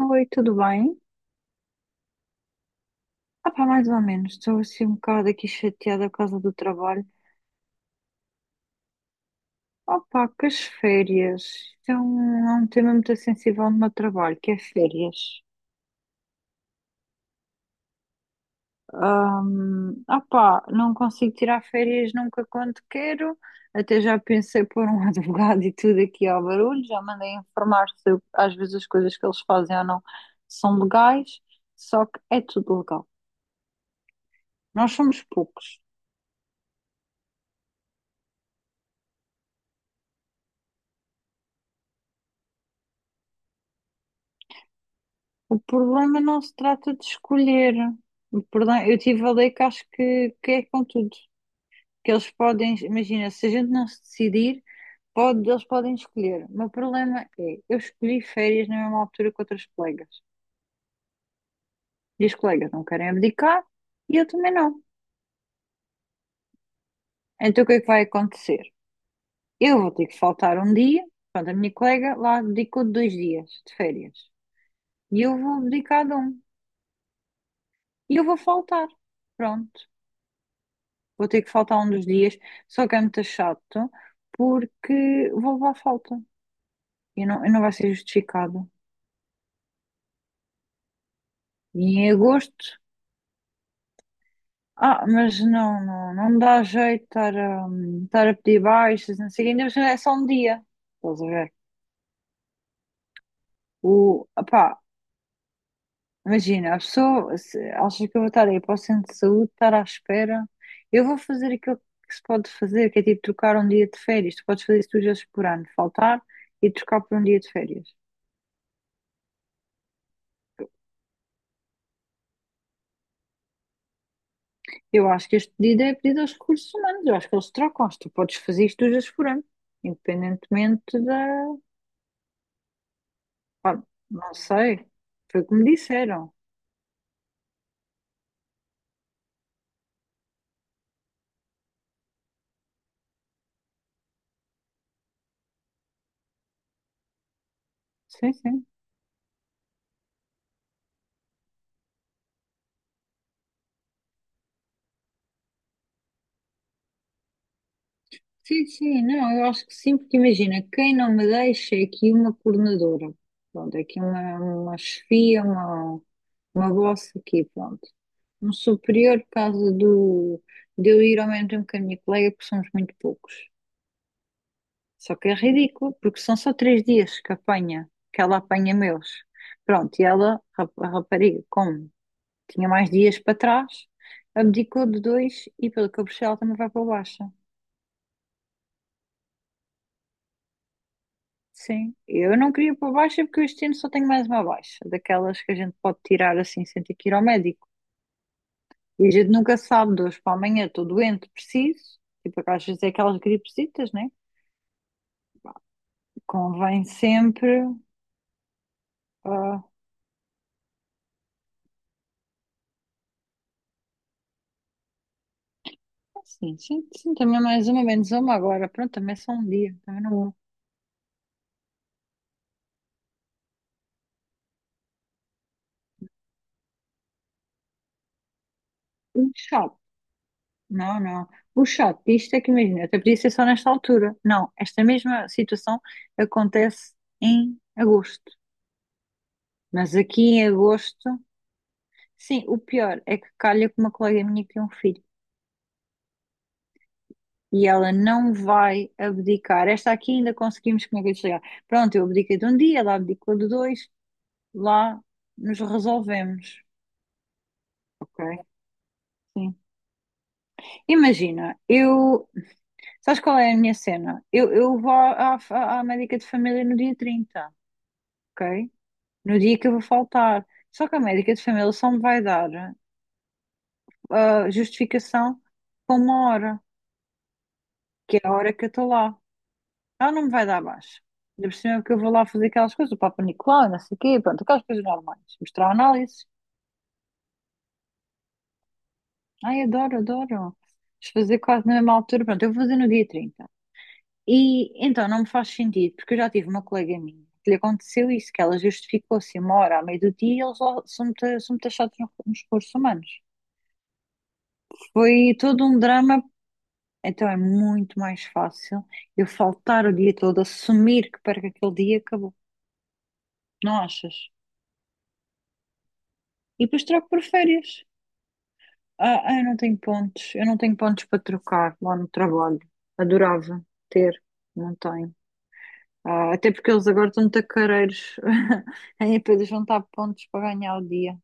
Oi, tudo bem? Ah pá, mais ou menos. Estou assim um bocado aqui chateada por causa do trabalho. Ah pá, que as férias. Isto é é um tema muito sensível no meu trabalho, que é férias. Ah pá, não consigo tirar férias nunca quando quero. Até já pensei pôr um advogado e tudo aqui ao barulho. Já mandei informar se eu- às vezes as coisas que eles fazem ou não são legais. Só que é tudo legal. Nós somos poucos. O problema não se trata de escolher. O problema, eu tive a ler que acho que é com tudo. Que eles podem, imagina, se a gente não se decidir, pode, eles podem escolher. O meu problema é, eu escolhi férias na mesma altura que outras colegas. E as colegas não querem abdicar e eu também não. Então o que é que vai acontecer? Eu vou ter que faltar um dia, pronto, a minha colega lá abdicou de dois dias de férias. E eu vou abdicar de um. E eu vou faltar. Pronto. Vou ter que faltar um dos dias, só que é muito chato porque vou levar falta e não vai ser justificado. E em agosto, ah, mas não dá jeito estar a pedir baixas, não sei, o quê, ainda por cima é só um dia, estás a ver? Opá, imagina, a pessoa se acha que eu vou estar aí para o centro de saúde, estar à espera, eu vou fazer aquilo que se pode fazer, que é tipo trocar um dia de férias, tu podes fazer isso duas vezes por ano, faltar e trocar por um dia de férias. Eu acho que este pedido é pedido aos recursos humanos. Eu acho que eles trocam. Se tu podes fazer isto, tu já se forando. Independentemente da. Pá, não sei. Foi o que me disseram. Sim, sim. Sim, sim. Não, eu acho que sim, porque imagina, quem não me deixa é aqui uma coordenadora. Pronto, é aqui uma chefia, uma boss aqui, pronto. Um superior, por causa do, de eu ir ao mesmo tempo que a minha colega, porque somos muito poucos. Só que é ridículo, porque são só três dias que apanha, que ela apanha meus. Pronto, e ela, a rapariga, como tinha mais dias para trás, abdicou de dois e pelo que eu percebi ela também vai para baixa. Sim, eu não queria para baixa porque eu este ano só tenho mais uma baixa, daquelas que a gente pode tirar assim sem ter que ir ao médico. E a gente nunca sabe, de hoje para amanhã estou doente, preciso. Tipo, às vezes é aquelas gripesitas, né? Convém sempre. ah, Sim, também é mais uma, menos uma agora. Pronto, também é só um dia. Também não vou. O chato. Não, não. O chato disto é que imagina, até podia ser só nesta altura. Não, esta mesma situação acontece em agosto. Mas aqui em agosto, sim, o pior é que calha com uma colega minha que tem um filho. E ela não vai abdicar. Esta aqui ainda conseguimos, como é que eu ia chegar? Pronto, eu abdiquei de um dia, ela abdicou de dois, lá nos resolvemos. Ok? Sim. Imagina, eu sabes qual é a minha cena? Eu vou à médica de família no dia 30, ok? No dia que eu vou faltar. Só que a médica de família só me vai dar a justificação com uma hora, que é a hora que eu estou lá. Ela não me vai dar abaixo. Ainda por cima é que eu vou lá fazer aquelas coisas, o Papa Nicolau, não sei o quê, pronto, aquelas coisas normais. Mostrar análises. Ai, adoro, adoro. Vamos fazer quase na mesma altura. Pronto, eu vou fazer no dia trinta. E então não me faz sentido, porque eu já tive uma colega minha que lhe aconteceu isso, que ela justificou-se uma hora à meio do dia e eles lá são muito achados nos recursos humanos. Foi todo um drama, então é muito mais fácil eu faltar o dia todo, assumir que perco aquele dia e acabou, não achas? E depois troco por férias. Eu não tenho pontos, eu não tenho pontos para trocar lá no trabalho. Adorava ter, não tenho. Ah, até porque eles agora estão tacareiros em poder juntar pontos para ganhar o dia.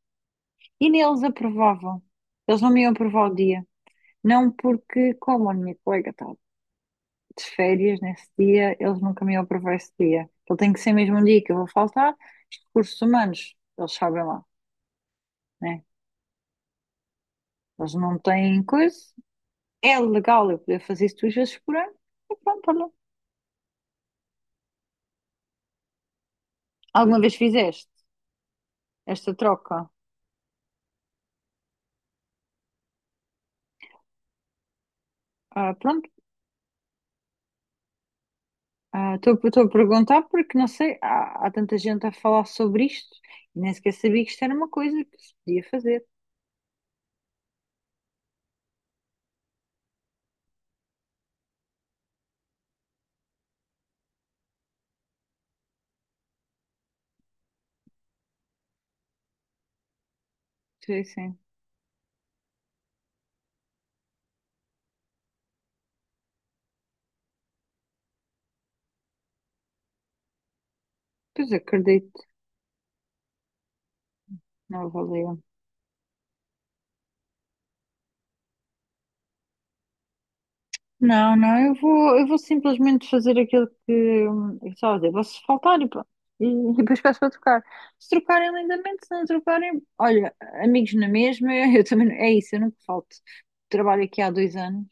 E nem eles aprovavam. Eles não me iam aprovar o dia. Não porque, como a minha colega está de férias nesse dia, eles nunca me iam aprovar esse dia. Então tem que ser mesmo um dia que eu vou faltar. Os recursos humanos, eles sabem lá, né? Eles não têm coisa. É legal eu poder fazer isso duas vezes por ano. E pronto, olha. Alguma vez fizeste esta troca? Ah, pronto, ah, estou a perguntar porque não sei, há tanta gente a falar sobre isto e nem sequer sabia que isto era uma coisa que se podia fazer. Sim, sim. Pois acredito, não valeu. Não, não, eu vou simplesmente fazer aquilo que eu estava a dizer, vou-se faltar e pronto. E depois peço para trocar. Se trocarem lindamente, se não trocarem, olha, amigos na mesma, eu também, é isso, eu nunca falto. Trabalho aqui há 2 anos.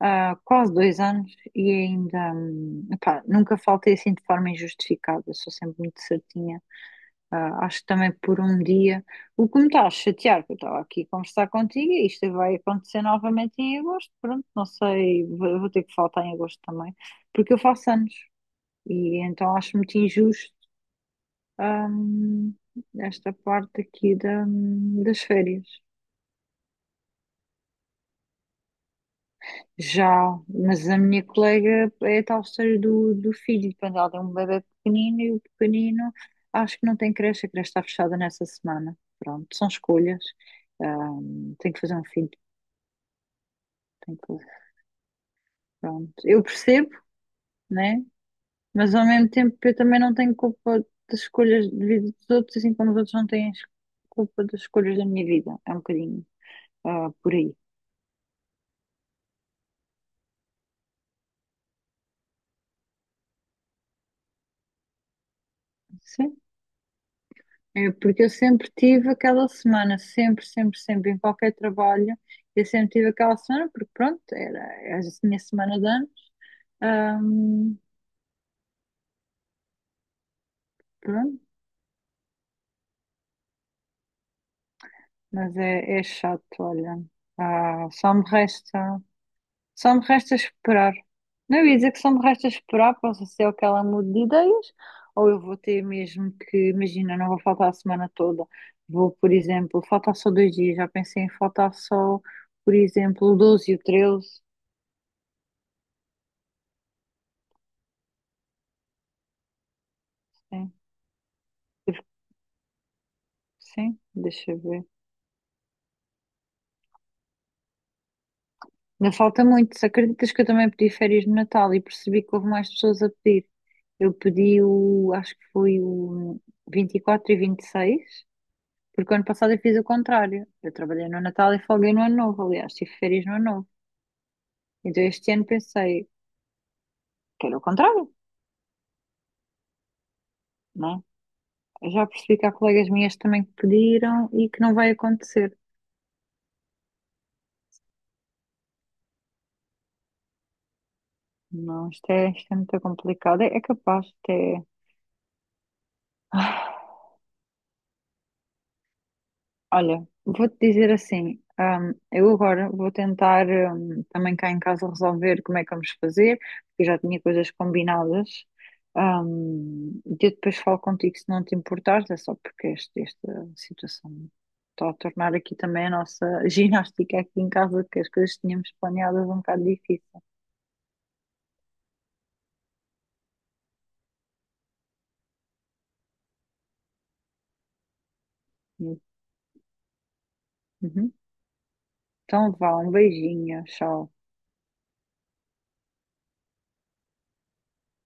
Há quase 2 anos e ainda, epá, nunca faltei assim de forma injustificada, sou sempre muito certinha. Ah, acho que também por um dia, o que me está a chatear, porque eu estava aqui a conversar contigo e isto vai acontecer novamente em agosto, pronto, não sei, vou ter que faltar em agosto também, porque eu faço anos e então acho muito injusto, hum, esta parte aqui da, das férias. Já, mas a minha colega é a tal história do filho, quando ela tem um bebê pequenino e o pequenino acho que não tem creche, a creche está fechada nessa semana. Pronto, são escolhas. Tem que fazer um filho, tem que fazer. Pronto. Eu percebo, né? Mas ao mesmo tempo eu também não tenho culpa das escolhas de vida dos outros, assim como os outros não têm culpa das escolhas da minha vida. É um bocadinho, ah, por aí. Sim. É porque eu sempre tive aquela semana, sempre, sempre, sempre, em qualquer trabalho, eu sempre tive aquela semana, porque pronto, era a minha semana de anos. Ahm, pronto, mas é, é chato, olha. Ah, só me resta, só me resta esperar. Não, eu ia dizer que só me resta esperar, posso ser o que ela mude de ideias, ou eu vou ter mesmo que, imagina, não vou faltar a semana toda. Vou, por exemplo, faltar só dois dias, já pensei em faltar só, por exemplo, o 12 e o 13. Sim, deixa eu ver. Ainda falta muito. Se acreditas que eu também pedi férias de Natal e percebi que houve mais pessoas a pedir. Eu pedi o, acho que foi o 24 e 26, porque o ano passado eu fiz o contrário. Eu trabalhei no Natal e folguei no Ano Novo, aliás, tive férias no Ano Novo. Então este ano pensei que era o contrário, não é? Eu já percebi que há colegas minhas também que pediram e que não vai acontecer. Não, isto é muito complicado. É, é capaz, isto é. Olha, vou-te dizer assim, eu agora vou tentar, também cá em casa resolver como é que vamos fazer, porque eu já tinha coisas combinadas. E eu depois falo contigo se não te importares, é só porque esta situação está a tornar aqui também a nossa ginástica aqui em casa, que as coisas que tínhamos planeadas um bocado difícil. Uhum. Então vá, um beijinho, tchau.